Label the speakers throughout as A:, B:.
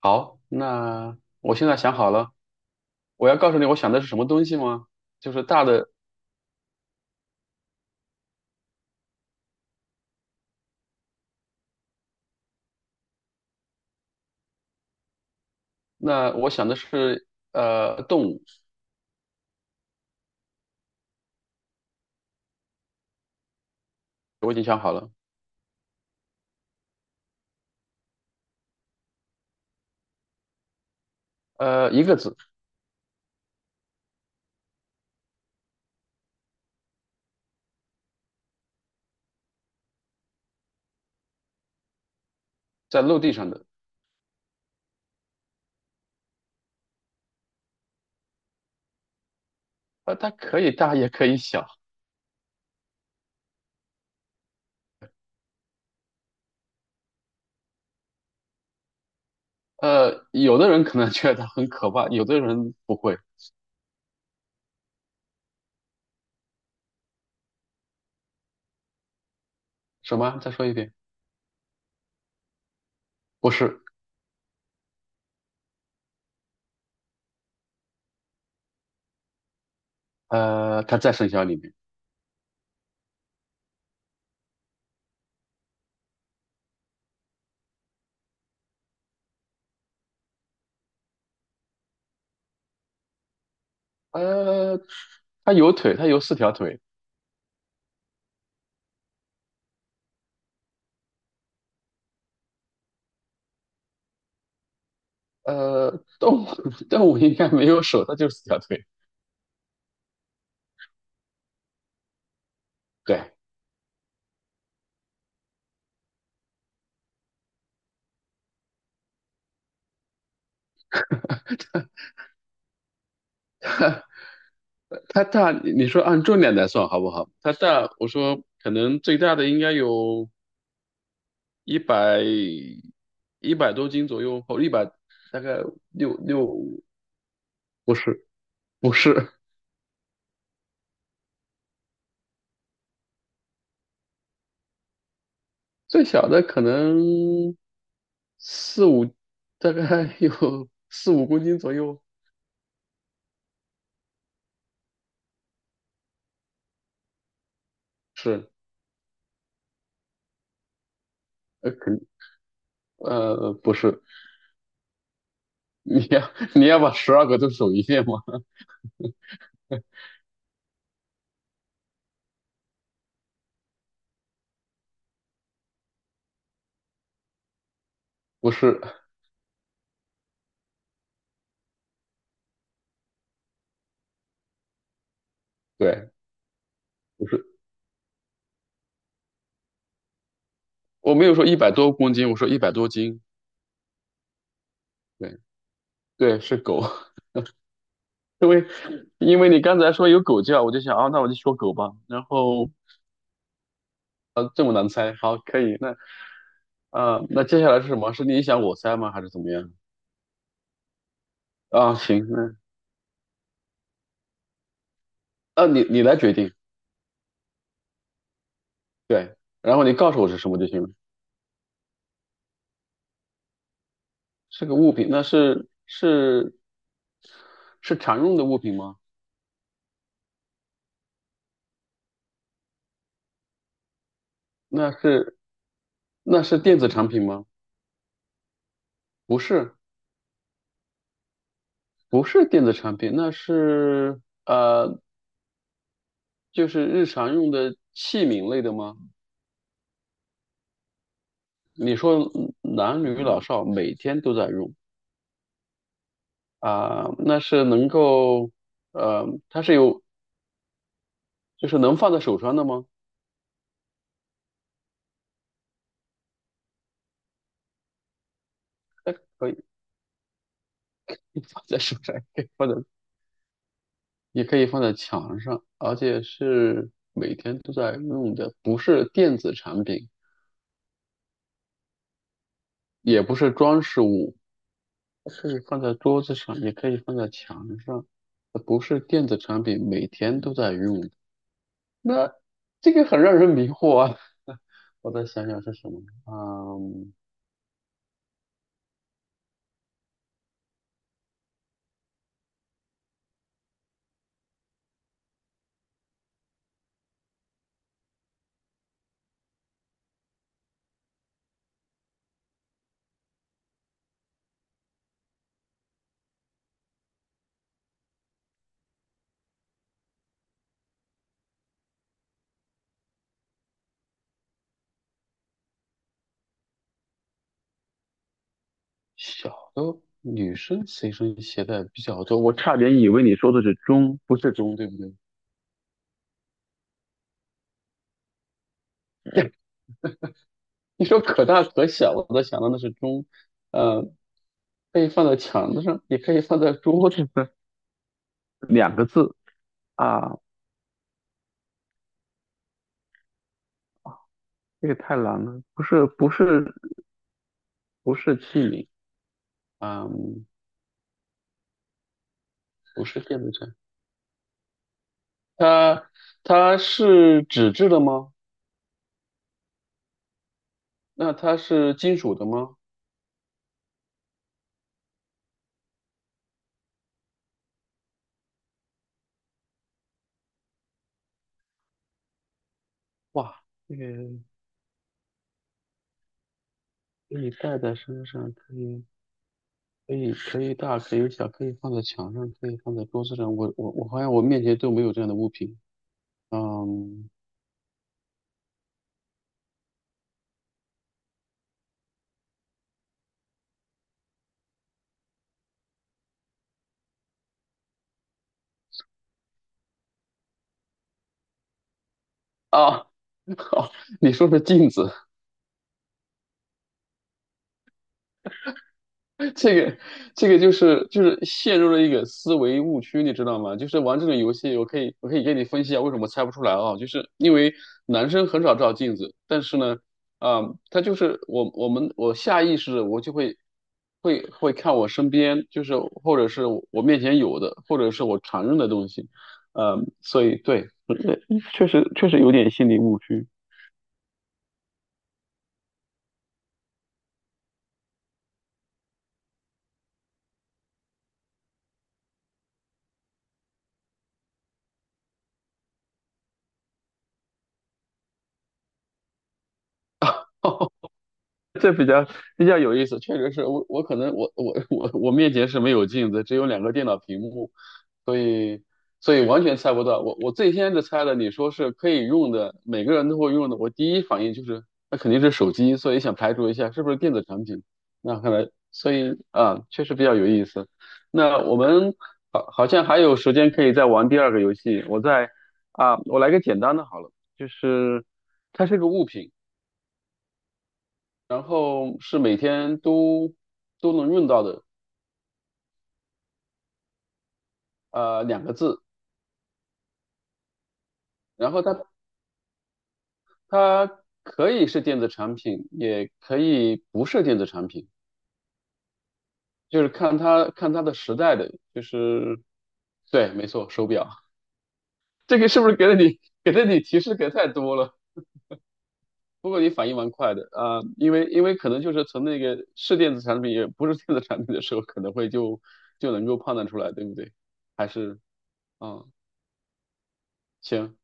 A: 好，那我现在想好了，我要告诉你我想的是什么东西吗？就是大的，那我想的是动物。我已经想好了。一个字，在陆地上的。它可以大也可以小。有的人可能觉得它很可怕，有的人不会。什么？再说一遍？不是。它在生肖里面。呃它有腿，它有四条腿。呃动物 动物应该没有手，它就四条腿。对。它大，你说按重量来算好不好？它大，我说可能最大的应该有一百一百多斤左右，或100大概六，不是，不是。最小的可能四五，大概有 4、5公斤左右。是。呃，肯不是。你要把12个都数一遍吗？不是。对，不是。我没有说100多公斤，我说一百多斤。对，对，是狗。因为因为你刚才说有狗叫，我就想啊，那我就说狗吧。然后这么难猜，好，可以。那接下来是什么？是你想我猜吗？还是怎么样？啊，行。你来决定。对。然后你告诉我是什么就行了。是个物品。那是常用的物品吗？那是那是电子产品吗？不是。不是电子产品。呃，就是日常用的器皿类的吗？你说男女老少每天都在用。啊、那是能够，呃，它是有，就是能放在手上的吗？可以 放在手上，可以放在，也可以放在墙上，而且是每天都在用的，不是电子产品，也不是装饰物，是放在桌子上，也可以放在墙上，不是电子产品，每天都在用的。那这个很让人迷惑啊！我再想想是什么。嗯。小的女生随身携带比较多，我差点以为你说的是钟，不是钟，对不对？你说可大可小，我都想到那是钟。呃，可以放在墙子上，也可以放在桌子上。两个字啊，这个太难了。不是，不是，不是器皿啊。嗯不是电子秤。它它是纸质的吗？那它是金属的吗？哇，这个可以戴在身上，可以。可以大可以小，可以放在墙上，可以放在桌子上。我好像我面前都没有这样的物品。嗯。啊，好，你说说镜子。这个这个就是陷入了一个思维误区，你知道吗？就是玩这种游戏，我可以给你分析一下为什么猜不出来啊，就是因为男生很少照镜子。但是呢，啊、他就是我下意识的我就会看我身边，就是或者是我面前有的，或者是我常用的东西。所以对，确实有点心理误区。这比较有意思，确实是我可能我面前是没有镜子，只有两个电脑屏幕，所以完全猜不到。我最先是猜的，你说是可以用的，每个人都会用的，我第一反应就是那肯定是手机，所以想排除一下是不是电子产品。那看来，所以啊，确实比较有意思。那我们好像还有时间可以再玩第二个游戏。我再啊，我来个简单的好了，就是它是个物品。然后是每天都能用到的。两个字。然后它可以是电子产品，也可以不是电子产品，就是看它的时代的，就是对，没错，手表。这个是不是给了你提示给太多了？不过你反应蛮快的啊，因为可能就是从那个是电子产品也不是电子产品的时候，可能会就能够判断出来，对不对？还是嗯，行，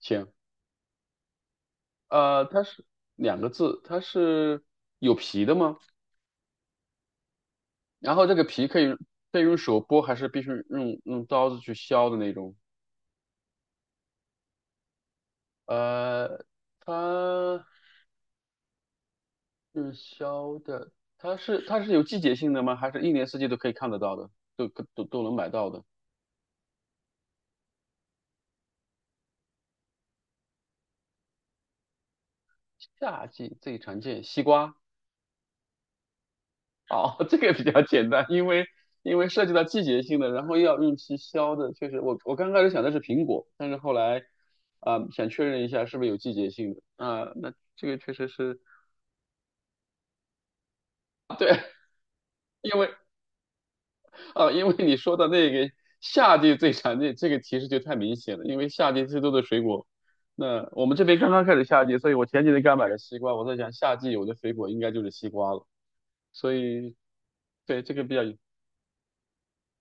A: 行。它是两个字，它是有皮的吗？然后这个皮可以用手剥，还是必须用刀子去削的那种？呃，它是削的。它是有季节性的吗？还是一年四季都可以看得到的，都能买到的？夏季最常见西瓜。哦，这个比较简单，因为涉及到季节性的，然后又要用期消的，确实我我刚开始想的是苹果，但是后来想确认一下是不是有季节性的。那这个确实是。对，因为因为你说的那个夏季最常见，这个提示就太明显了，因为夏季最多的水果，那我们这边刚刚开始夏季，所以我前几天刚买了西瓜，我在想夏季有的水果应该就是西瓜了。所以对这个比较有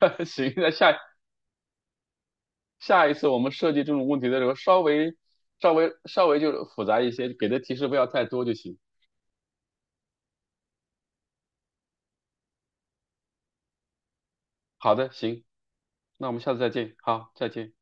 A: 行，那下一次我们设计这种问题的时候，稍微就复杂一些，给的提示不要太多就行。好的，行。那我们下次再见。好，再见。